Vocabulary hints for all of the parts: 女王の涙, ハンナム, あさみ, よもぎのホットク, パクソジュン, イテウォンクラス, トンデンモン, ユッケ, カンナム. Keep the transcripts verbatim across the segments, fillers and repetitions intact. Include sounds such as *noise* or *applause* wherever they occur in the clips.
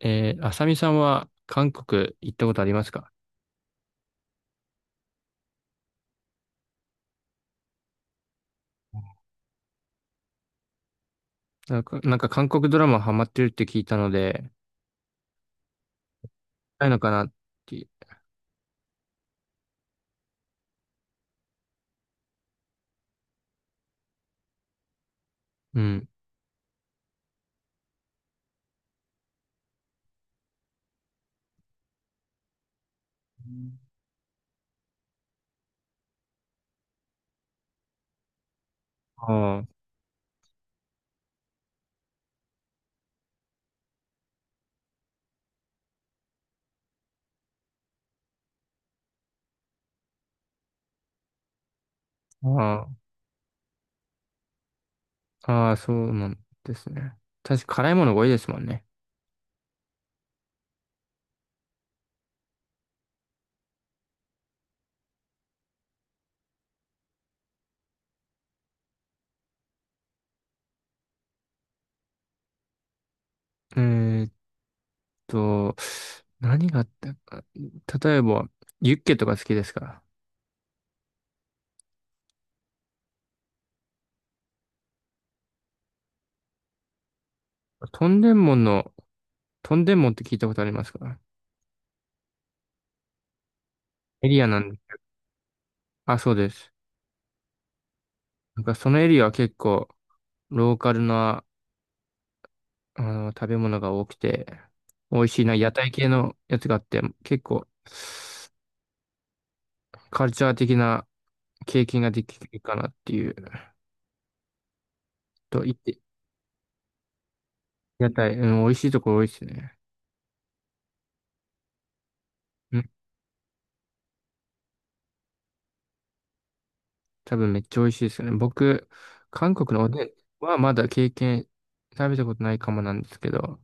えー、あさみさんは韓国行ったことありますか？なんか、なんか韓国ドラマハマってるって聞いたので、ないのかなって。うん。ああ、ああ、ああそうなんですね。確か辛いものが多いですもんね。えーっと、何があったか。例えば、ユッケとか好きですか？トンデンモンの、トンデンモンって聞いたことありますか？エリアなんで。あ、そうです。なんかそのエリアは結構、ローカルなあの、食べ物が多くて、美味しいな、屋台系のやつがあって、結構、カルチャー的な経験ができるかなっていう、と言って、屋台、うん、美味しいところ多いですね。うん、多分めっちゃ美味しいですよね。僕、韓国のおでんはまだ経験、食べたことないかもなんですけど、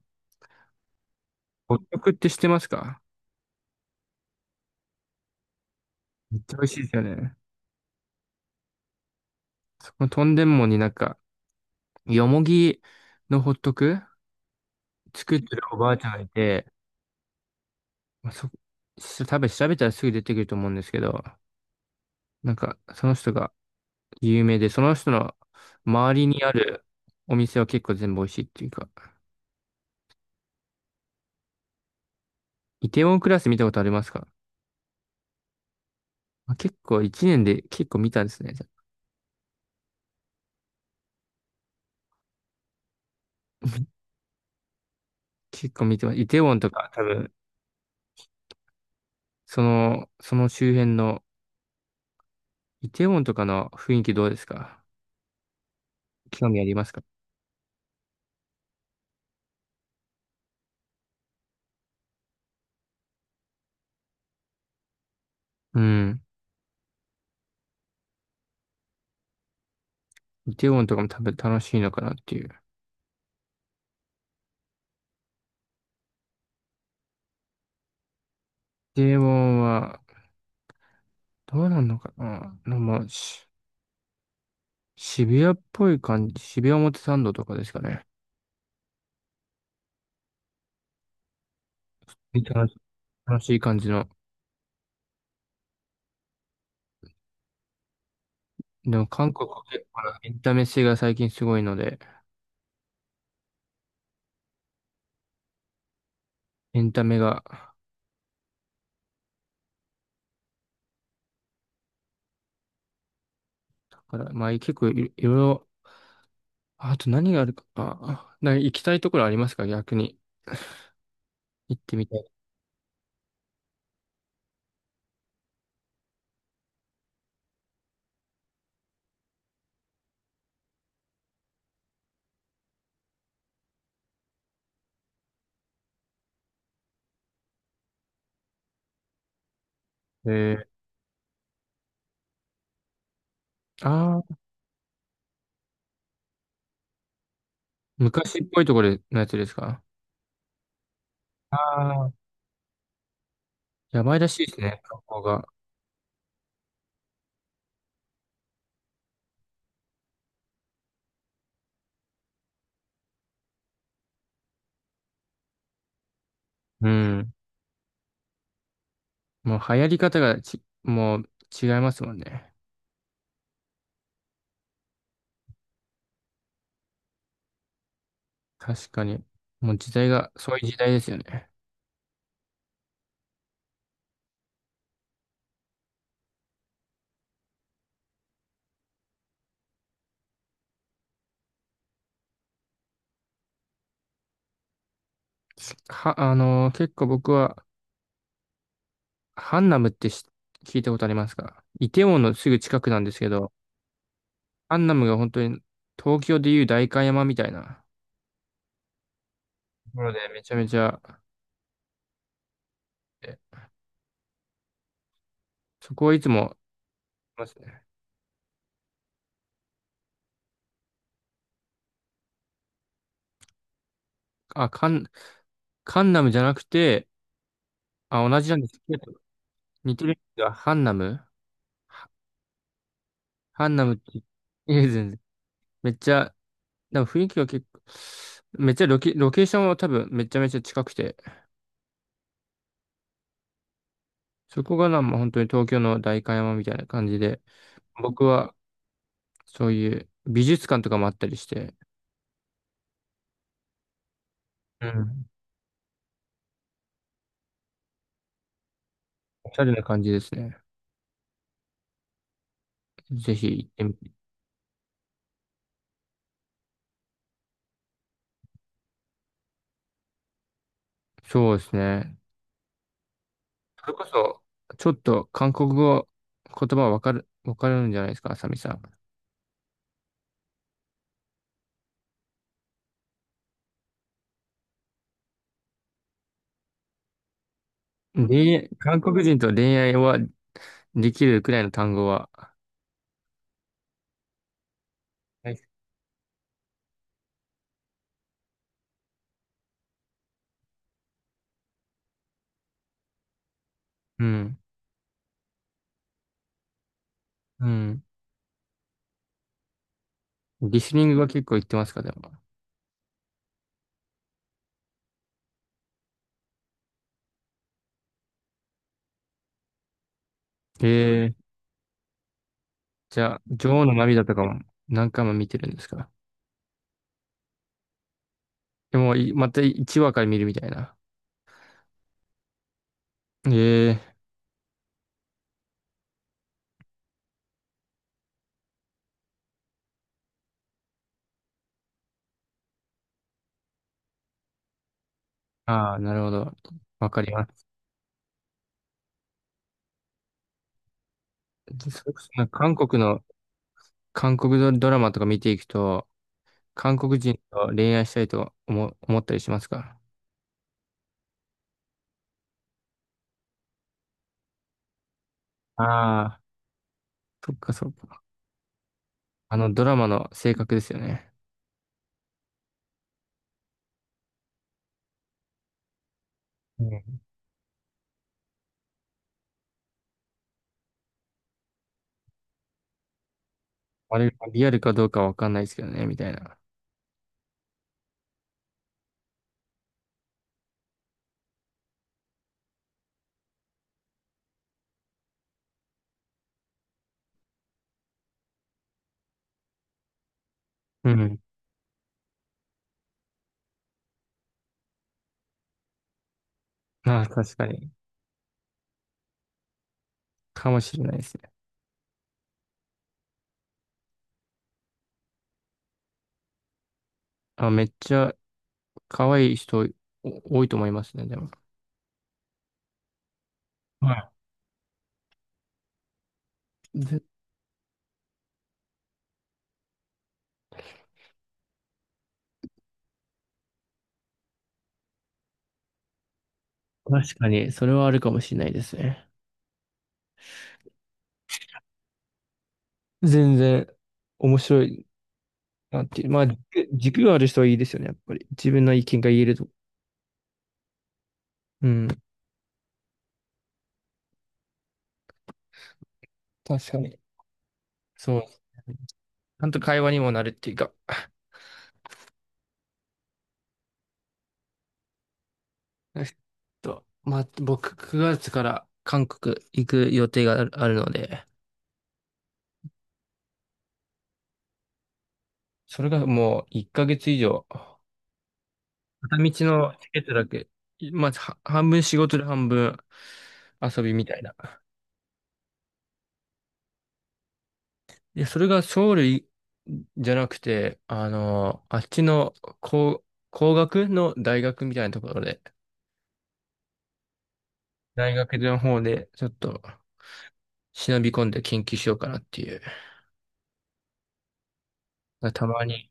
北極って知ってますか？めっちゃ美味しいですよね。そこのトンデンモになんか、よもぎのホットク作ってるおばあちゃんがいて、まあ、そ、し多分調べたらすぐ出てくると思うんですけど、なんか、その人が有名で、その人の周りにあるお店は結構全部美味しいっていうか、イテウォンクラス見たことありますか？まあ結構一年で結構見たんですね。じゃあ *laughs* 結構見てます。イテウォンとか多分、その、その周辺の、イテウォンとかの雰囲気どうですか？興味ありますか？うん。イテウォンとかも多分楽しいのかなっていう。イテウォンは、どうなんのかな、うまあ、し渋谷っぽい感じ、渋谷表参道とかですかね。楽し楽しい感じの。でも韓国は結構なエンタメ性が最近すごいので、エンタメが、だからまあ結構い、いろいろ、あと何があるか、あ、なんか行きたいところありますか逆に？行ってみたい。えー、あー、昔っぽいところのやつですか？あー、やばいらしいですね、観光が。うん。もう流行り方がち、もう違いますもんね。確かに。もう時代が、そういう時代ですよね。は、あのー結構僕は、ハンナムってし聞いたことありますか？イテウォンのすぐ近くなんですけど、ハンナムが本当に東京でいう代官山みたいなところでめちゃめちゃ、えそこはいつも、ますね。あ、カン、カンナムじゃなくて、あ、同じなんですけど。似てるんですが、ハンナム、ハンナムって、いえ、全然。めっちゃ、でも雰囲気は結構、めっちゃロケ、ロケーションは多分めちゃめちゃ近くて、そこがなんも本当に東京の代官山みたいな感じで、僕はそういう美術館とかもあったりして、うん。おしゃれな感じですね。ぜひ行ってみて。そうですね。それこそ、ちょっと韓国語、言葉わかる、わかるんじゃないですか、あさみさん。恋愛、韓国人と恋愛はできるくらいの単語は。はい。うん。うん。リスニングは結構言ってますか、でも。ええ、じゃあ、女王の涙とかも何回も見てるんですか？でも、いまたいちわから見るみたいな。ええ、ああ、なるほど。わかります。それこそなんか韓国の、韓国ドドラマとか見ていくと、韓国人と恋愛したいと思、思ったりしますか？ああー、そっかそっか。あのドラマの性格ですよね。うんあれがリアルかどうかわかんないですけどね、みたいな。うん。まあ確かに。かもしれないですね。あ、めっちゃ可愛い人お多いと思いますね、でも。はい。ぜ確かに、それはあるかもしれないですね。全然面白い。なんてまあ、軸、軸がある人はいいですよね、やっぱり。自分の意見が言えると。うん。確かに。そう。ちゃんと会話にもなるっていうか。*laughs* えっと、まあ、僕、くがつから韓国行く予定がある、あるので、それがもういっかげつ以上、片道のチケットだけ、まあ、は半分仕事で半分遊びみたいな。で、それがソウルいじゃなくて、あの、あっちの工、工学の大学みたいなところで、大学の方で、ちょっと、忍び込んで研究しようかなっていう。たまに、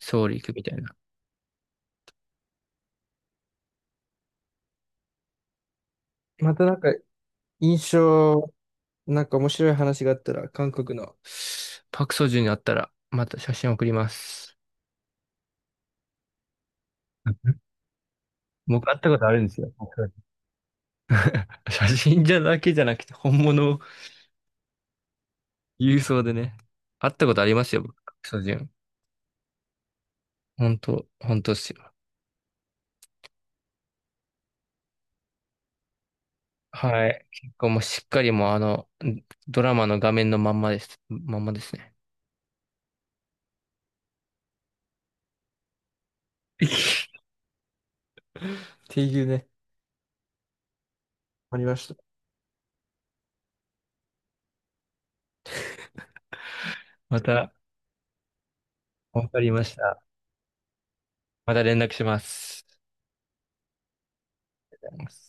ソウル行くみたいな。またなんか、印象、なんか面白い話があったら、韓国のパクソジュにあったら、また写真送ります。*laughs* 僕会ったことあるんですよ。*laughs* 写真じゃだけじゃなくて、本物を郵送でね。会ったことありますよ、僕、パクソジュン。本当、本当ですよ。はい。結構もうしっかりもうあの、ドラマの画面のまんまです。まんまですね。*laughs* っていうね。わかりました。また、わかりました。また連絡します。ありがとうございます